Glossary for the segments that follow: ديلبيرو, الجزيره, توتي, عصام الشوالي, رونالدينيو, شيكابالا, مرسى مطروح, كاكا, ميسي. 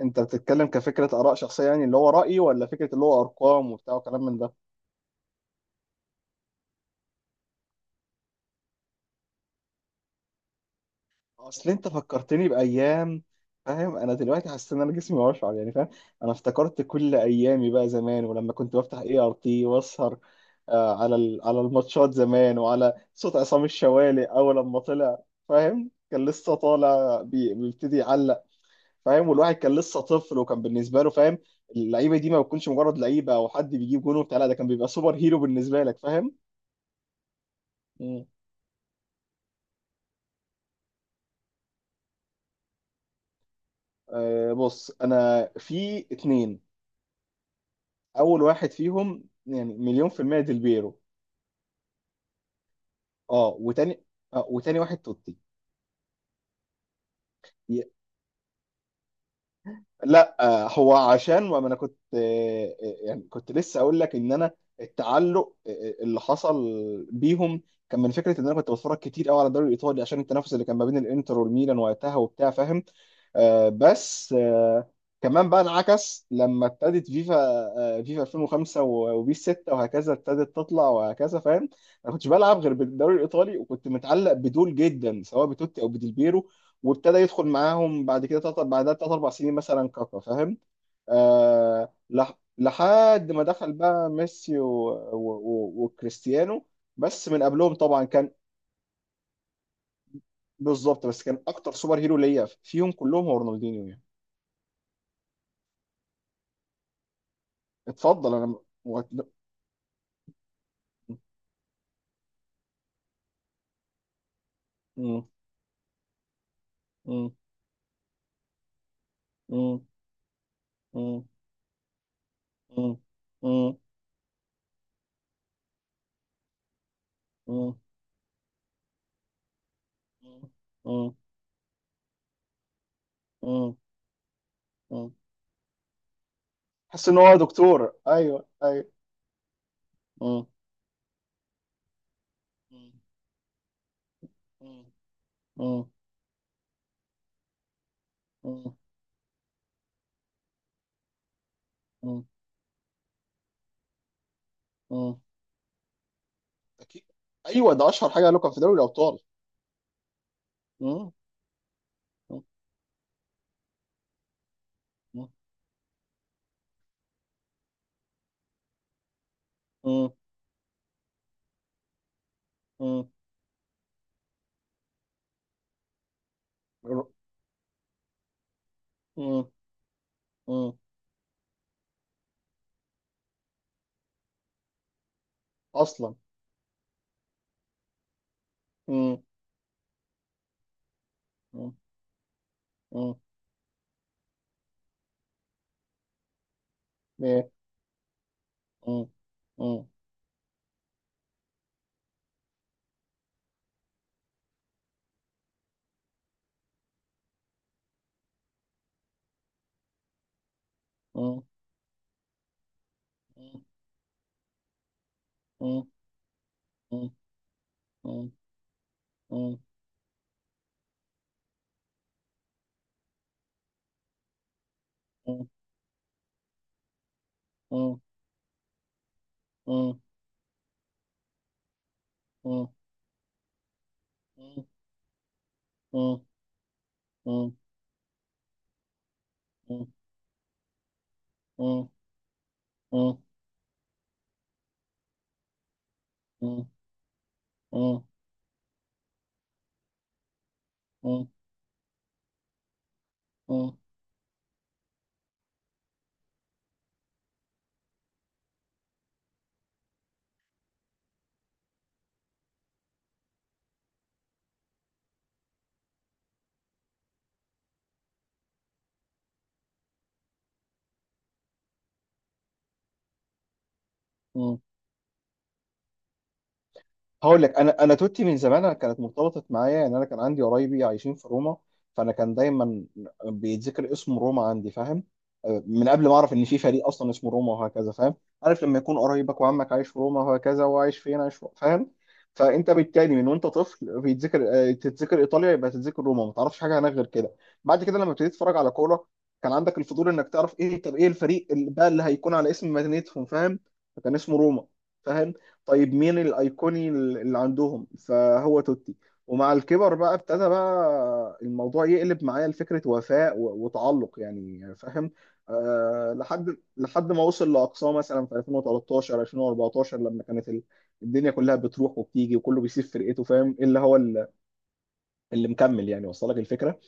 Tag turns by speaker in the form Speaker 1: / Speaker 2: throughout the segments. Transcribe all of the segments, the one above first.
Speaker 1: انت بتتكلم كفكره اراء شخصيه، يعني اللي هو رايي ولا فكره اللي هو ارقام وبتاع وكلام من ده؟ اصل انت فكرتني بايام، فاهم؟ انا دلوقتي حاسس ان انا جسمي واشعر، يعني فاهم. انا افتكرت كل ايامي بقى زمان، ولما كنت بفتح اي ار تي واسهر على على الماتشات زمان وعلى صوت عصام الشوالي اول لما طلع، فاهم؟ كان لسه طالع بيبتدي يعلق، فاهم؟ والواحد كان لسه طفل وكان بالنسبه له، فاهم؟ اللعيبه دي ما بتكونش مجرد لعيبه او حد بيجيب جون وبتاع، لا ده كان بيبقى سوبر هيرو بالنسبه لك، فاهم؟ بص، انا في اتنين. اول واحد فيهم يعني مليون في المية ديل بيرو. اه، وتاني. وتاني واحد توتي. لا، هو عشان، وما انا كنت، يعني كنت لسه اقول لك ان انا التعلق اللي حصل بيهم كان من فكره ان انا كنت بتفرج كتير قوي على الدوري الايطالي، عشان التنافس اللي كان ما بين الانتر والميلان وقتها وبتاع، فاهم؟ بس كمان بقى انعكس لما ابتدت فيفا 2005 وبيس 6 وهكذا ابتدت تطلع وهكذا، فاهم؟ انا كنتش بلعب غير بالدوري الايطالي، وكنت متعلق بدول جدا سواء بتوتي او بديلبيرو. وابتدى يدخل معاهم بعد كده تلات، بعدها تلات أربع سنين مثلا كاكا، فاهم؟ لحد ما دخل بقى ميسي وكريستيانو. بس من قبلهم طبعا كان. بالظبط، بس كان أكتر سوبر هيرو ليا فيهم كلهم هو رونالدينيو، يعني. اتفضل أنا و- مم. مم. مم. مم. مم. مم. مم. مم. مم. مم. حس ان هو دكتور، ايوه ايوه. مم. مم. مم. مم. مم. اكيد. ايوه، ده اشهر حاجه له، كان في دوري الابطال. مم. مم. مم. مم. مم. مم. اصلا. مم. مم. مم. إيه. مم. مم. مم. مم. مم. مم. مم. مم. مم. مم. مم. مم. مم. مم. مم. مم. مم. مم. مم. هقول لك انا توتي من زمان، انا كانت مرتبطه معايا، يعني انا كان عندي قرايبي عايشين في روما. فانا كان دايما بيتذكر اسم روما عندي، فاهم؟ من قبل ما اعرف ان في فريق اصلا اسمه روما وهكذا، فاهم؟ عارف لما يكون قرايبك وعمك عايش في روما وهكذا وعايش فين، عايش فاهم؟ فانت بالتالي من وانت طفل بيتذكر، تتذكر ايطاليا، يبقى تتذكر روما، ما تعرفش حاجه عنها غير كده. بعد كده لما ابتديت اتفرج على كوره، كان عندك الفضول انك تعرف ايه، طب ايه الفريق اللي بقى اللي هيكون على اسم مدينتهم، فاهم؟ فكان اسمه روما، فاهم؟ طيب مين الايقوني اللي عندهم؟ فهو توتي. ومع الكبر بقى ابتدى بقى الموضوع يقلب معايا لفكره وفاء وتعلق، يعني فاهم؟ أه، لحد ما وصل لاقصاه مثلا في 2013 2014 لما كانت الدنيا كلها بتروح وبتيجي وكله بيسيب فرقته، فاهم؟ إيه اللي هو اللي مكمل، يعني وصل لك الفكره؟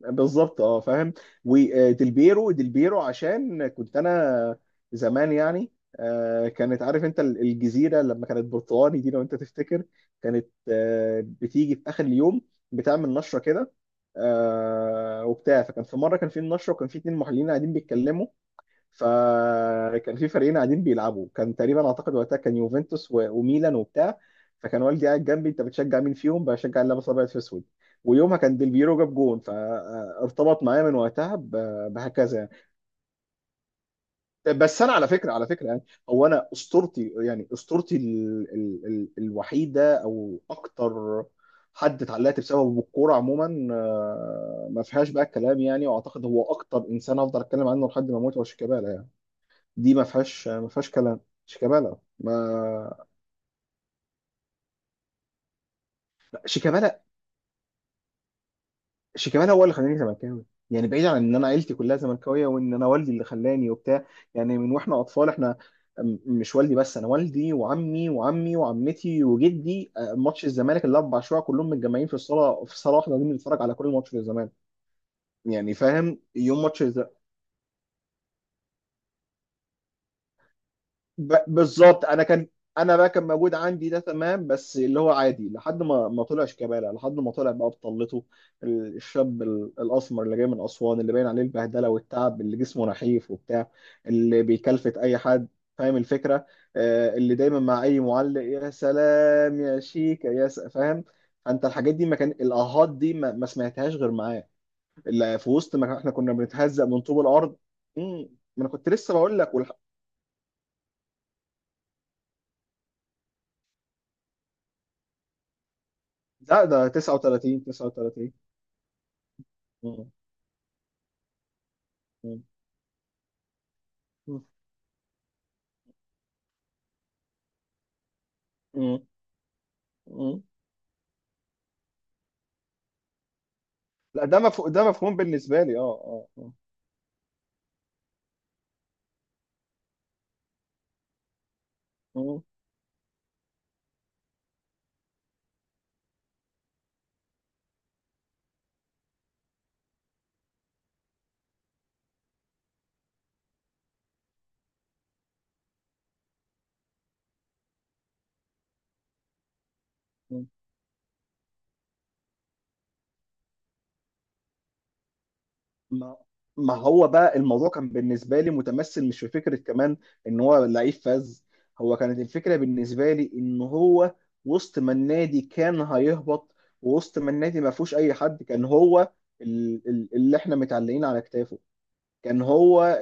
Speaker 1: بالظبط، اه فاهم. وديلبيرو، ديلبيرو عشان كنت انا زمان، يعني كانت، عارف انت الجزيره لما كانت برتقاني دي لو انت تفتكر، كانت بتيجي في اخر اليوم، بتعمل نشره كده وبتاع. فكان في مره كان في النشره، وكان في اتنين محللين قاعدين بيتكلموا. فكان في فريقين قاعدين بيلعبوا، كان تقريبا اعتقد وقتها كان يوفنتوس وميلان وبتاع. فكان والدي قاعد جنبي: انت بتشجع مين فيهم؟ بشجع اللي لابس ابيض في اسود. ويومها كان ديل بيرو جاب جون، فارتبط معايا من وقتها بهكذا، يعني. بس انا على فكره، على فكره يعني، هو انا اسطورتي، يعني اسطورتي ال ال ال الوحيده، او اكتر حد اتعلقت بسببه بالكوره عموما، ما فيهاش بقى الكلام يعني، واعتقد هو اكتر انسان افضل اتكلم عنه لحد ما اموت هو شيكابالا، يعني. دي ما فيهاش كلام. شيكابالا ما. شيكابالا شيكابالا هو اللي خلاني زملكاوي، يعني بعيد عن ان انا عيلتي كلها زملكاويه وان انا والدي اللي خلاني وبتاع. يعني من واحنا اطفال، احنا مش والدي بس، انا والدي وعمي وعمتي وجدي، ماتش الزمالك الاربع شويه كلهم متجمعين في الصاله، في صاله واحده قاعدين بنتفرج على كل ماتش للزمالك، يعني فاهم؟ يوم ماتش. بالظبط، انا بقى كان موجود عندي ده تمام، بس اللي هو عادي لحد ما طلع شيكابالا، لحد ما طلع بقى بطلته. الشاب الاسمر اللي جاي من اسوان، اللي باين عليه البهدله والتعب، اللي جسمه نحيف وبتاع، اللي بيكلفت اي حد، فاهم الفكره؟ آه، اللي دايما مع اي معلق: يا سلام يا شيكا، يا فاهم؟ انت الحاجات دي، ما كان الاهات دي ما سمعتهاش غير معاه، اللي في وسط ما احنا كنا بنتهزق من طوب الارض. مم، ما انا كنت لسه بقول لك. لا ده 39 39. مم. مم. مم. مم. مم. لا، ده مفهوم، ده مفهوم بالنسبه لي، اه اه. آه. مم. ما ما هو بقى الموضوع كان بالنسبه لي متمثل مش في فكره كمان ان هو لعيب فذ. هو كانت الفكره بالنسبه لي ان هو وسط ما النادي كان هيهبط، ووسط ما النادي ما فيهوش اي حد، كان هو اللي احنا متعلقين على كتافه. كان هو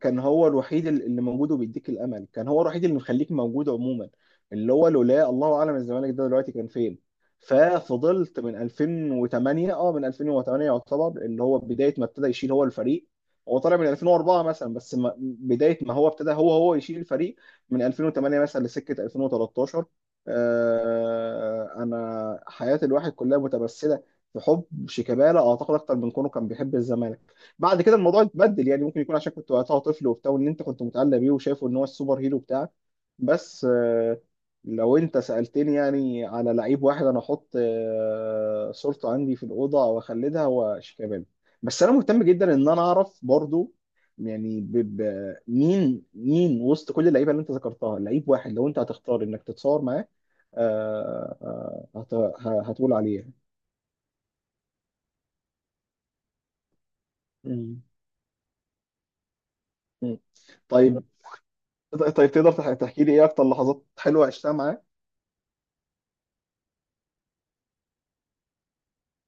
Speaker 1: كان هو الوحيد اللي موجود وبيديك الامل، كان هو الوحيد اللي مخليك موجود عموما، اللي هو لولا الله اعلم الزمالك ده دلوقتي كان فين. ففضلت من 2008، اه، من 2008 يعتبر اللي هو بدايه ما ابتدى يشيل هو الفريق. هو طالع من 2004 مثلا، بس ما بدايه ما هو ابتدى هو يشيل الفريق من 2008 مثلا لسكه 2013. آه، انا حياه الواحد كلها متمثله في حب شيكابالا، اعتقد اكتر من كونه كان بيحب الزمالك. بعد كده الموضوع اتبدل، يعني ممكن يكون عشان كنت وقتها طفل وبتاع، وان انت كنت متعلق بيه وشايفه ان هو السوبر هيرو بتاعك. بس لو انت سألتني يعني على لعيب واحد انا احط صورته عندي في الأوضة او اخلدها، هو شيكابالا. بس انا مهتم جدا ان انا اعرف برضو، يعني مين وسط كل اللعيبه اللي انت ذكرتها، لعيب واحد لو انت هتختار انك تتصور معاه هتقول عليه؟ مم. مم. طيب، طيب تقدر تحكي لي ايه اكتر لحظات حلوه عشتها معاه؟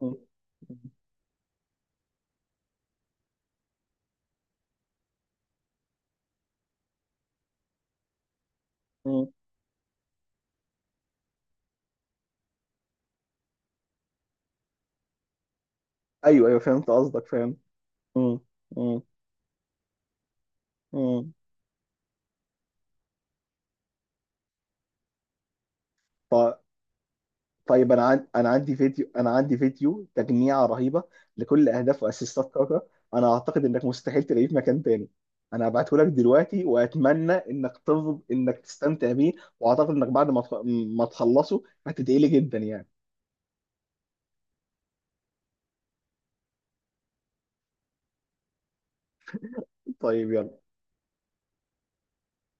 Speaker 1: مم. مم. ايوه ايوه، فهمت قصدك، فاهم. مم. مم. مم. ط- طيب، انا انا عندي فيديو تجميعه رهيبه لكل اهداف واسيستات كاكا. انا اعتقد انك مستحيل تلاقيه في مكان تاني. انا هبعته لك دلوقتي، واتمنى انك تفض انك تستمتع بيه. واعتقد انك بعد ما تخلصه هتدعيلي جدا، يعني. طيب يلا،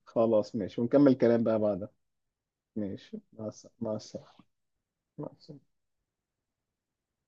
Speaker 1: خلاص ماشي، ونكمل كلام بقى بعدها. ماشي، مع السلامه، مع السلامه، مع السلامة.